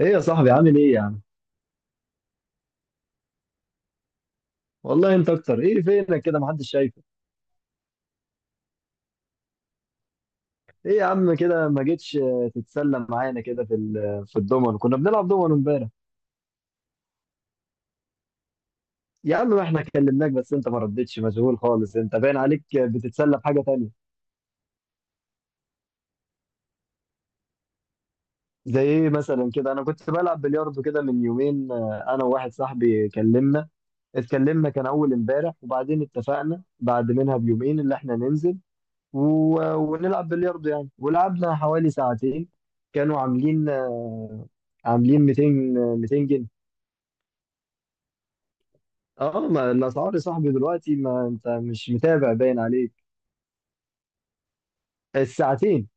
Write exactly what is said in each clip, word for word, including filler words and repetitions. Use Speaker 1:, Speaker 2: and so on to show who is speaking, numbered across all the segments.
Speaker 1: ايه يا صاحبي، عامل ايه يا عم؟ والله انت اكتر، ايه فينك كده؟ محدش شايفك. ايه يا عم كده ما جيتش، آه، تتسلى معانا كده في ال- في الضمن، كنا بنلعب ضمن امبارح. يا عم، ما احنا كلمناك بس انت ما ردتش، مشغول خالص انت، باين عليك بتتسلى بحاجه تانية. زي ايه مثلا؟ كده انا كنت بلعب بلياردو كده من يومين، آه، انا وواحد صاحبي كلمنا اتكلمنا. كان اول امبارح، وبعدين اتفقنا بعد منها بيومين اللي احنا ننزل و... ونلعب بلياردو يعني. ولعبنا حوالي ساعتين. كانوا عاملين عاملين مائتين ميتين جنيه. اه، ما الاسعار يا صاحبي دلوقتي، ما انت مش متابع، باين عليك. الساعتين.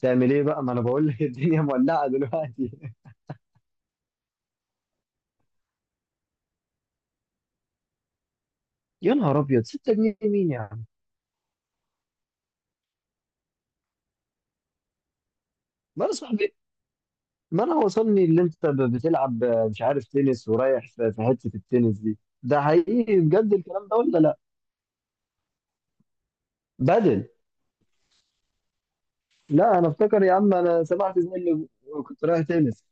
Speaker 1: تعمل ايه بقى؟ ما انا بقول لك الدنيا مولعه دلوقتي. يا نهار ابيض، ست جنيه مين يا عم؟ ما انا صاحبي. ما انا وصلني اللي انت ب- بتلعب، آه، مش عارف تنس، ورايح في في حته التنس دي، ده حقيقي بجد الكلام ده ولا لا؟ بدل. لا، انا افتكر يا عم، انا سمعت زي اللي كنت رايح تنس.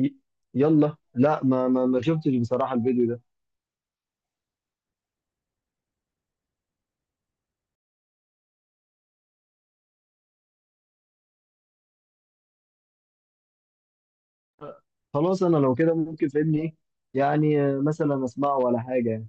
Speaker 1: ي- يلا لا، ما ما ما شفتش بصراحه الفيديو ده. خلاص، انا لو كده ممكن، فاهمني ايه يعني، آه، مثلا اسمعه ولا حاجه يعني.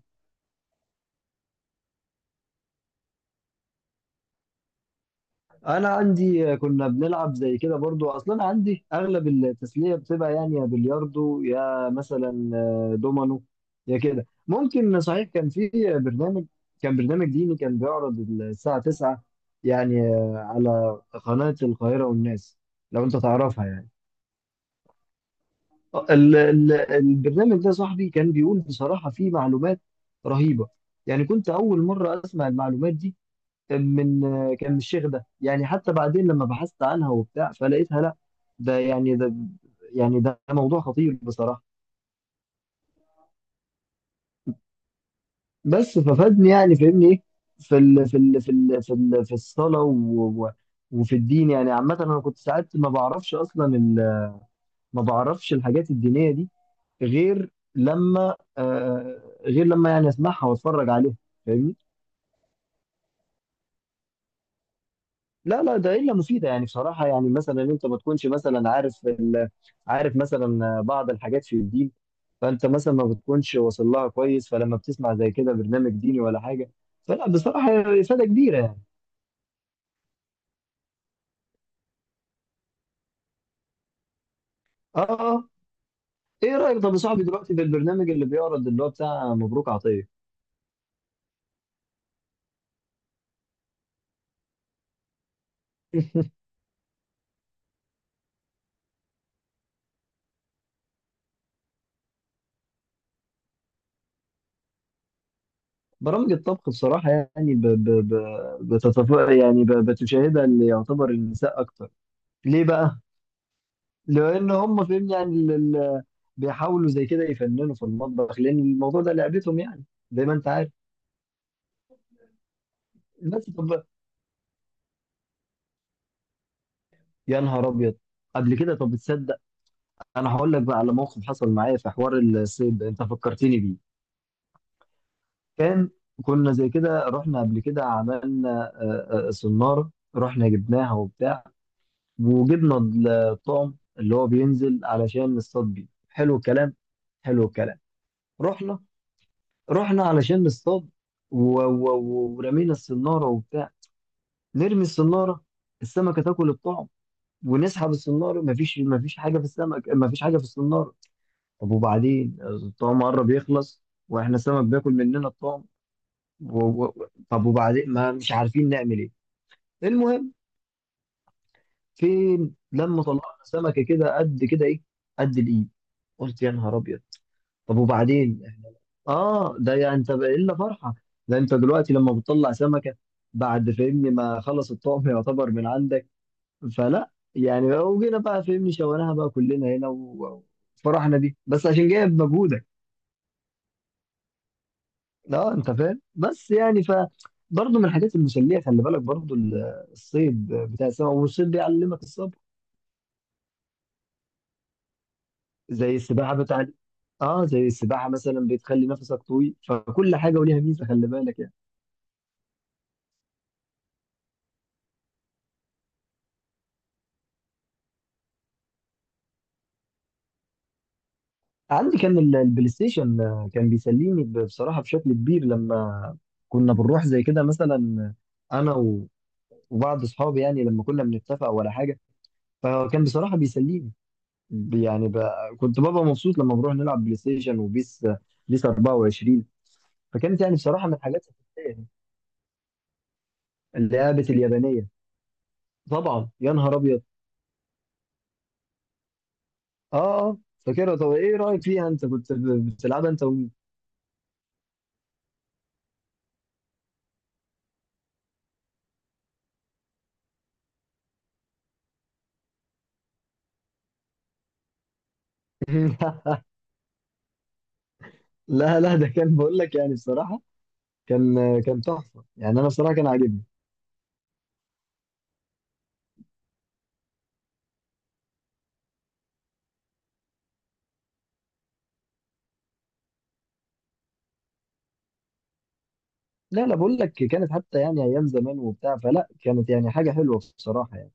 Speaker 1: انا عندي، آه، كنا بنلعب زي كده برضو، اصلا عندي اغلب التسليه بتبقى يعني يا بلياردو، يا مثلا آه، دومينو، يا كده. ممكن صحيح كان في برنامج كان برنامج ديني كان بيعرض الساعه تسعة يعني، آه، على قناه القاهره والناس، لو انت تعرفها يعني. ال- ال- البرنامج ده يا صاحبي كان بيقول بصراحة فيه معلومات رهيبة. يعني كنت أول مرة أسمع المعلومات دي، من كان من الشيخ ده يعني. حتى بعدين لما بحثت عنها وبتاع فلقيتها لا، ده يعني ده يعني ده موضوع خطير بصراحة. بس ففادني يعني، فاهمني إيه، في ال في ال في ال في, ال في الصلاة و و وفي الدين يعني عامة. أنا كنت ساعات ما بعرفش أصلا، ال- ما بعرفش الحاجات الدينية دي غير لما، آه غير لما يعني اسمعها واتفرج عليها، فاهمني. لا، لا، ده الا مفيده يعني بصراحه. يعني مثلا انت ما تكونش مثلا عارف، ال... عارف مثلا بعض الحاجات في الدين. فانت مثلا ما بتكونش واصل لها كويس، فلما بتسمع زي كده برنامج ديني ولا حاجه، فلا بصراحه هي افاده كبيره يعني. اه، اه، ايه رايك طب يا صاحبي دلوقتي بالبرنامج اللي بيعرض، اللي هو بتاع مبروك عطيه؟ برامج الطبخ بصراحه يعني، ب... ب... ب... بتتف... يعني ب... بتشاهدها اللي يعتبر النساء اكتر، ليه بقى؟ لان هم فاهمني يعني، ال- ال- بيحاولوا زي كده يفننوا في المطبخ، لان الموضوع ده لعبتهم يعني، زي ما انت عارف. بس طب. يا نهار ابيض، قبل كده؟ طب تصدق، انا هقول لك بقى على موقف حصل معايا في حوار الصيد ده، انت فكرتني بيه. كان كنا زي كده رحنا قبل كده، عملنا آه، آه، صنارة، رحنا جبناها وبتاع، وجبنا الطعم اللي هو بينزل علشان نصطاد بيه. حلو الكلام، حلو الكلام. رحنا رحنا علشان نصطاد، و... و... و... ورمينا الصنارة وبتاع. نرمي الصنارة، السمكة تاكل الطعم، ونسحب الصنارة مفيش مفيش حاجة في السمك، مفيش حاجة في الصنارة. طب وبعدين الطعم قرب يخلص، واحنا السمك بياكل مننا الطعم، و... و... و- طب وبعدين، ما مش عارفين نعمل ايه. المهم، فين لما طلعنا سمكة كده، قد كده، ايه، قد الايد. قلت يا نهار ابيض. طب وبعدين، اه ده يعني انت بقى الا فرحه؟ ده انت دلوقتي لما بتطلع سمكه بعد فهمني ما خلص الطعم يعتبر من عندك، فلا يعني وجينا بقى فهمني شويناها بقى كلنا هنا، و- وفرحنا دي بس عشان جايب مجهودك. اه انت فاهم، بس يعني ف برضه من الحاجات المسليه، خلي بالك برضه ال- الصيد بتاع السمك، والصيد بيعلمك الصبر. زي السباحه بتاع، اه زي السباحه مثلا بتخلي نفسك طويل، فكل حاجه وليها ميزه، خلي بالك يعني. عندي كان ال- البلاي ستيشن، آه، كان بيسليني ب- بصراحة بشكل كبير لما كنا بنروح زي كده مثلا، آه، أنا و- وبعض أصحابي يعني لما كنا بنتفق ولا حاجة، فكان بصراحة بيسليني، ب- يعني ب... كنت ببقى مبسوط لما بروح نلعب بلاي ستيشن وبيس، آه، بيس اربعة وعشرين. فكانت يعني بصراحة من الحاجات الأساسية، يعني اللعبة اليابانية طبعا، يا نهار أبيض. آه آه، فاكرها. طب إيه رأيك فيها، أنت كنت ب- بتلعبها أنت و... لا، لا، ده كان بقول لك يعني بصراحة، كان كان تحفه يعني، انا بصراحه كان عاجبني. لا، لا، بقول لك كانت حتى يعني ايام زمان وبتاع، فلا كانت يعني حاجه حلوه بصراحه يعني.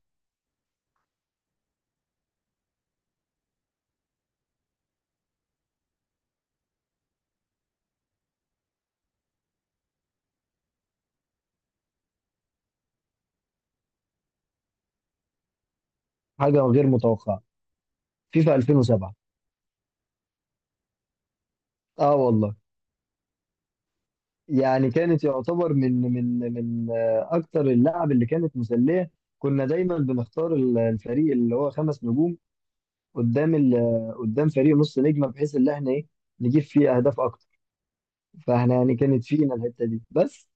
Speaker 1: حاجه غير متوقعه. فيفا الفين وسبعة. اه والله، يعني كانت يعتبر من من من آه، اكتر اللعب اللي كانت مسليه. كنا دايما بنختار ال- الفريق اللي هو خمس نجوم قدام ال- آه، قدام فريق نص نجمه، بحيث ان احنا ايه، نجيب فيه اهداف اكتر. فاحنا يعني كانت فينا الحته دي بس.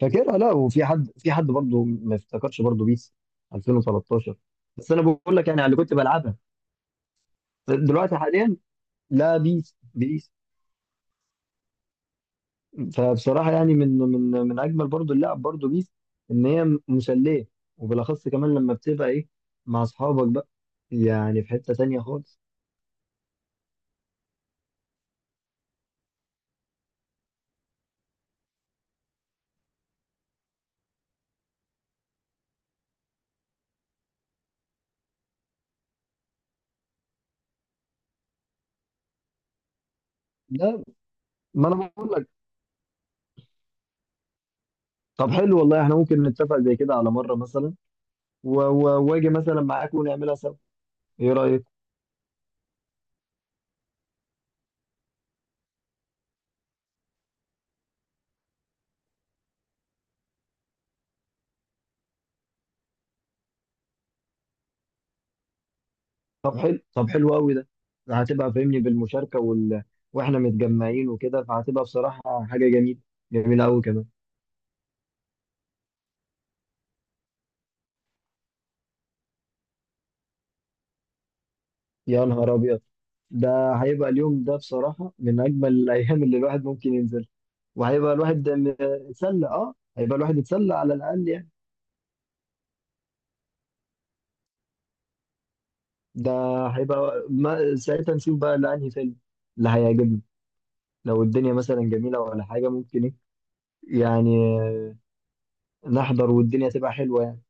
Speaker 1: فاكرها؟ لا، وفي حد في حد برضه ما افتكرش برضه بيس ألفين وثلاثة عشر. بس انا بقول لك يعني على اللي كنت بلعبها. دلوقتي حاليا؟ لا، بيس، بيس. فبصراحه يعني من من من اجمل برضه اللعب برضه بيس، ان هي مسليه، وبالاخص كمان لما بتبقى ايه، مع اصحابك بقى، يعني في حته تانيه خالص. لا، ما انا بقول لك. طب حلو والله، احنا ممكن نتفق زي كده على مره مثلا، و- و- واجي مثلا معاك ونعملها سوا، ايه رايك؟ طب حلو، طب حلو قوي ده. هتبقى فاهمني بالمشاركه، وال... واحنا متجمعين وكده، فهتبقى بصراحه حاجه جميله، جميله قوي كمان. يا نهار ابيض، ده هيبقى اليوم ده بصراحه من اجمل الايام اللي الواحد ممكن ينزل. وهيبقى الواحد م- اتسلى اه هيبقى الواحد اتسلى على الاقل يعني. ده هيبقى ما... ساعتها نشوف بقى اللي انهي فيلم اللي هيعجبنا، لو الدنيا مثلا جميله ولا حاجه، ممكن ايه يعني، آه، نحضر والدنيا تبقى حلوه يعني.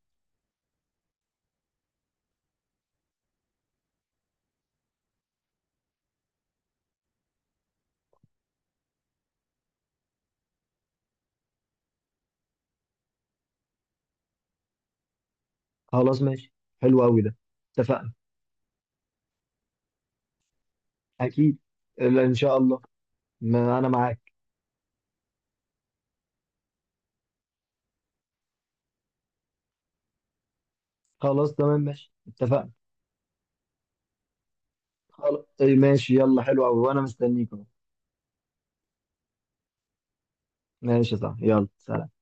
Speaker 1: خلاص ماشي، حلو قوي ده، اتفقنا. اكيد، لا ان شاء الله، ما انا معاك. خلاص، تمام ماشي، اتفقنا. خلاص إيه، ماشي، يلا حلو قوي وانا مستنيك اهو. ماشي صح، يلا سلام.